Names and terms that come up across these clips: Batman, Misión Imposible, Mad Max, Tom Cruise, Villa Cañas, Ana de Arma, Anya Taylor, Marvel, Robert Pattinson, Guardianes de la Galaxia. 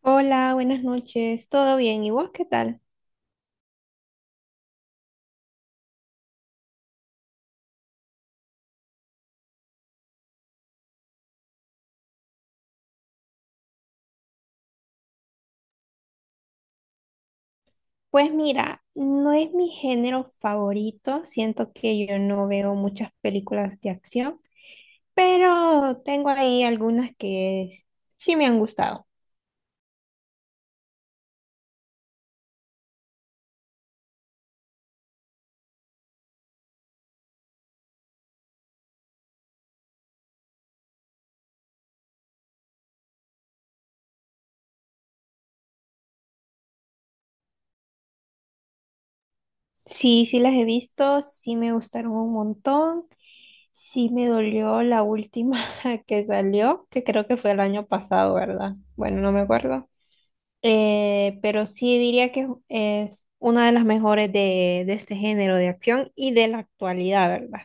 Hola, buenas noches. ¿Todo bien? ¿Y vos qué tal? Pues mira, no es mi género favorito. Siento que yo no veo muchas películas de acción, pero tengo ahí algunas que sí me han gustado. Sí, sí las he visto, sí me gustaron un montón. Sí me dolió la última que salió, que creo que fue el año pasado, ¿verdad? Bueno, no me acuerdo. Pero sí diría que es una de las mejores de este género de acción y de la actualidad, ¿verdad?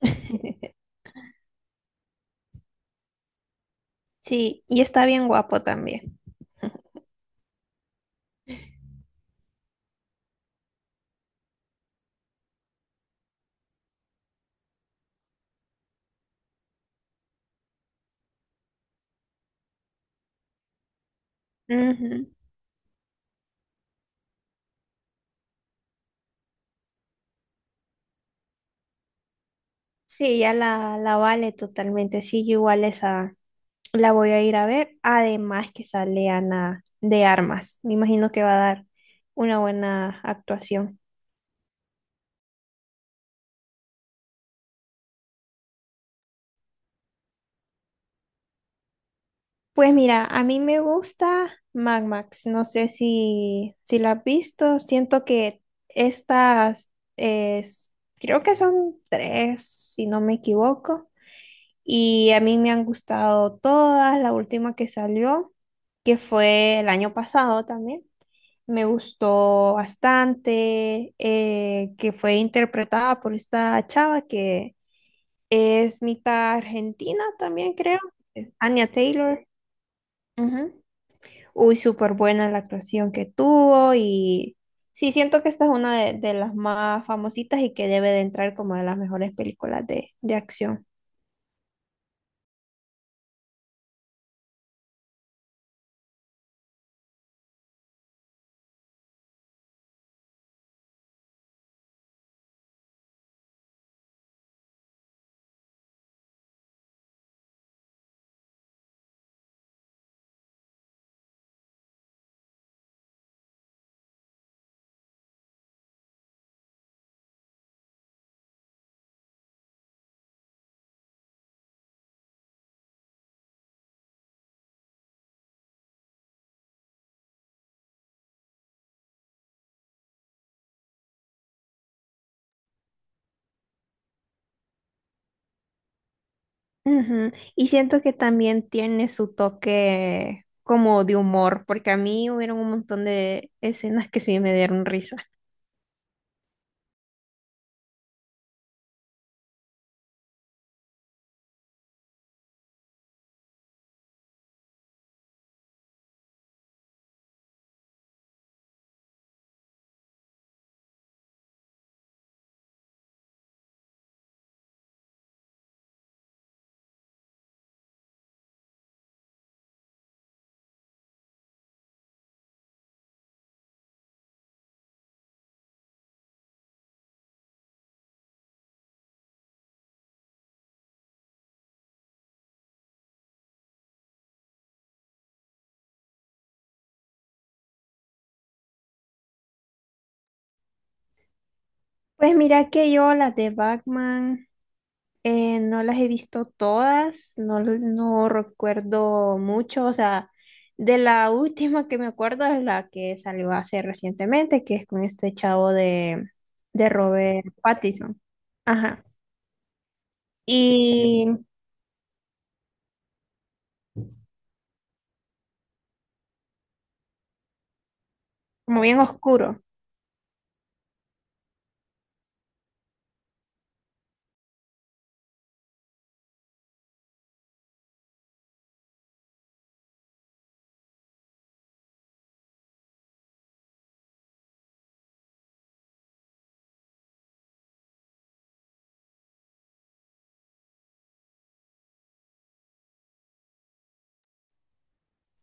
Sí, y está bien guapo también. Ujú. Sí, ya la vale totalmente. Sí, yo igual esa la voy a ir a ver. Además que sale Ana de Armas. Me imagino que va a dar una buena actuación. Pues mira, a mí me gusta Mad Max. No sé si la has visto. Siento que estas, eh, s- creo que son tres, si no me equivoco. Y a mí me han gustado todas. La última que salió, que fue el año pasado también, me gustó bastante, que fue interpretada por esta chava que es mitad argentina también, creo. Anya Taylor. Ujú. Uy, súper buena la actuación que tuvo y sí, siento que esta es una de las más famositas y que debe de entrar como de las mejores películas de acción. Ujú. Y siento que también tiene su toque como de humor, porque a mí hubieron un montón de escenas que sí me dieron risa. Pues mira que yo las de Batman, no las he visto todas, no, no recuerdo mucho, o sea, de la última que me acuerdo es la que salió hace recientemente, que es con este chavo de Robert Pattinson. Ajá. Y como bien oscuro.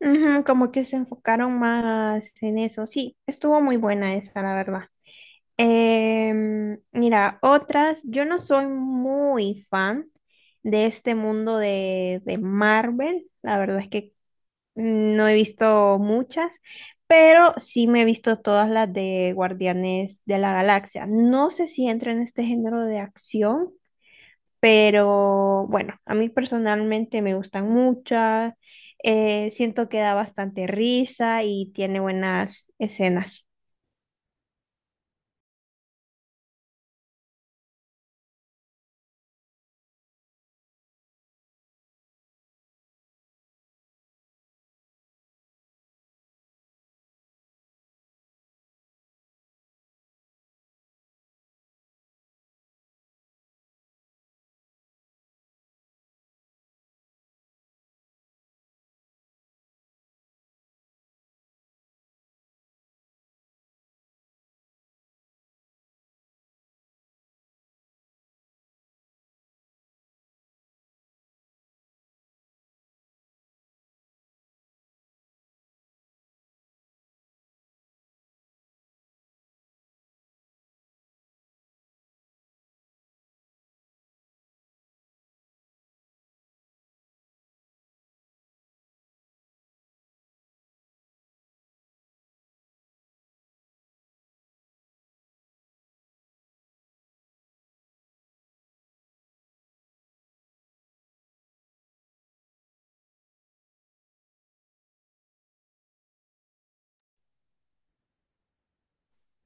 Ujú, como que se enfocaron más en eso. Sí, estuvo muy buena esa, la verdad. Em, mira, otras, yo no soy muy fan de este mundo de Marvel, la verdad es que no he visto muchas, pero sí me he visto todas las de Guardianes de la Galaxia. No sé si entra en este género de acción, pero bueno, a mí personalmente me gustan muchas, siento que da bastante risa y tiene buenas escenas.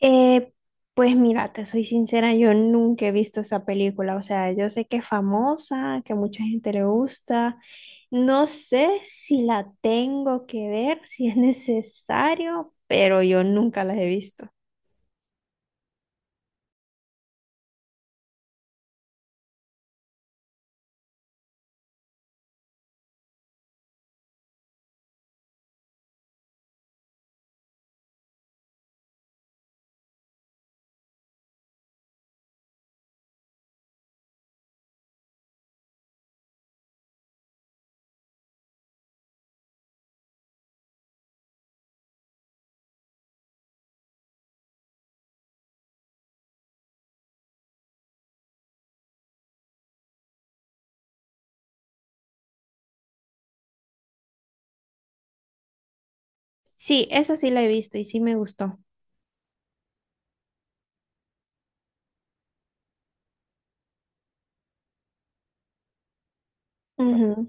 Eh, pues mira, te soy sincera, yo nunca he visto esa película, o sea, yo sé que es famosa, que a mucha gente le gusta, no sé si la tengo que ver, si es necesario, pero yo nunca las he visto. Sí, esa sí la he visto y sí me gustó. Ujú.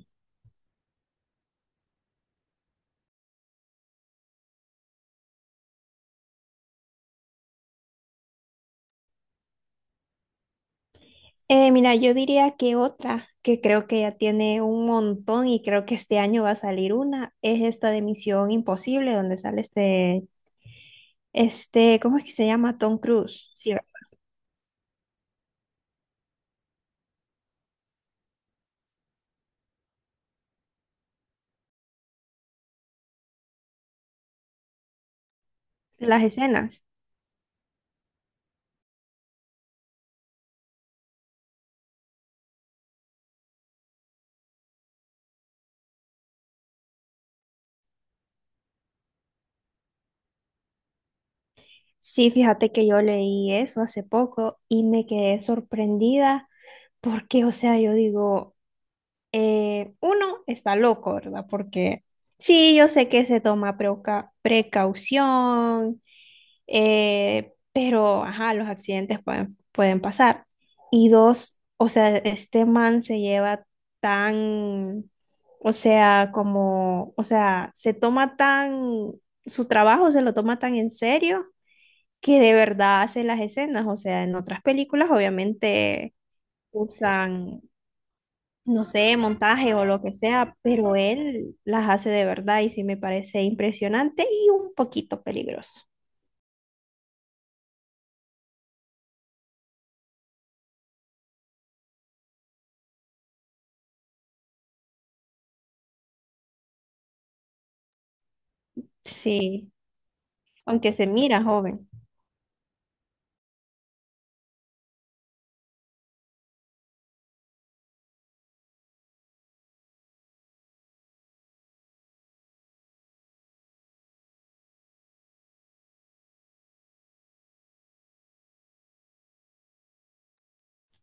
Mira, yo diría que otra, que creo que ya tiene un montón y creo que este año va a salir una, es esta de Misión Imposible, donde sale este, ¿cómo es que se llama? Tom Cruise, ¿cierto? Las escenas. Sí, fíjate que yo leí eso hace poco y me quedé sorprendida porque, o sea, yo digo, uno está loco, ¿verdad? Porque sí, yo sé que se toma precaución, pero, ajá, los accidentes pueden, pueden pasar. Y dos, o sea, este man se lleva tan, o sea, como, o sea, se toma tan, su trabajo se lo toma tan en serio que de verdad hace las escenas. O sea, en otras películas obviamente usan, no sé, montaje o lo que sea, pero él las hace de verdad y sí me parece impresionante y un poquito peligroso. Sí, aunque se mira joven.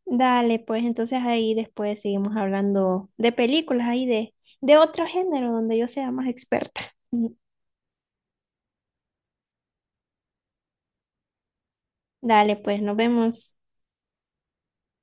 Dale, pues entonces ahí después seguimos hablando de películas, ahí de otro género donde yo sea más experta. Dale, pues nos vemos.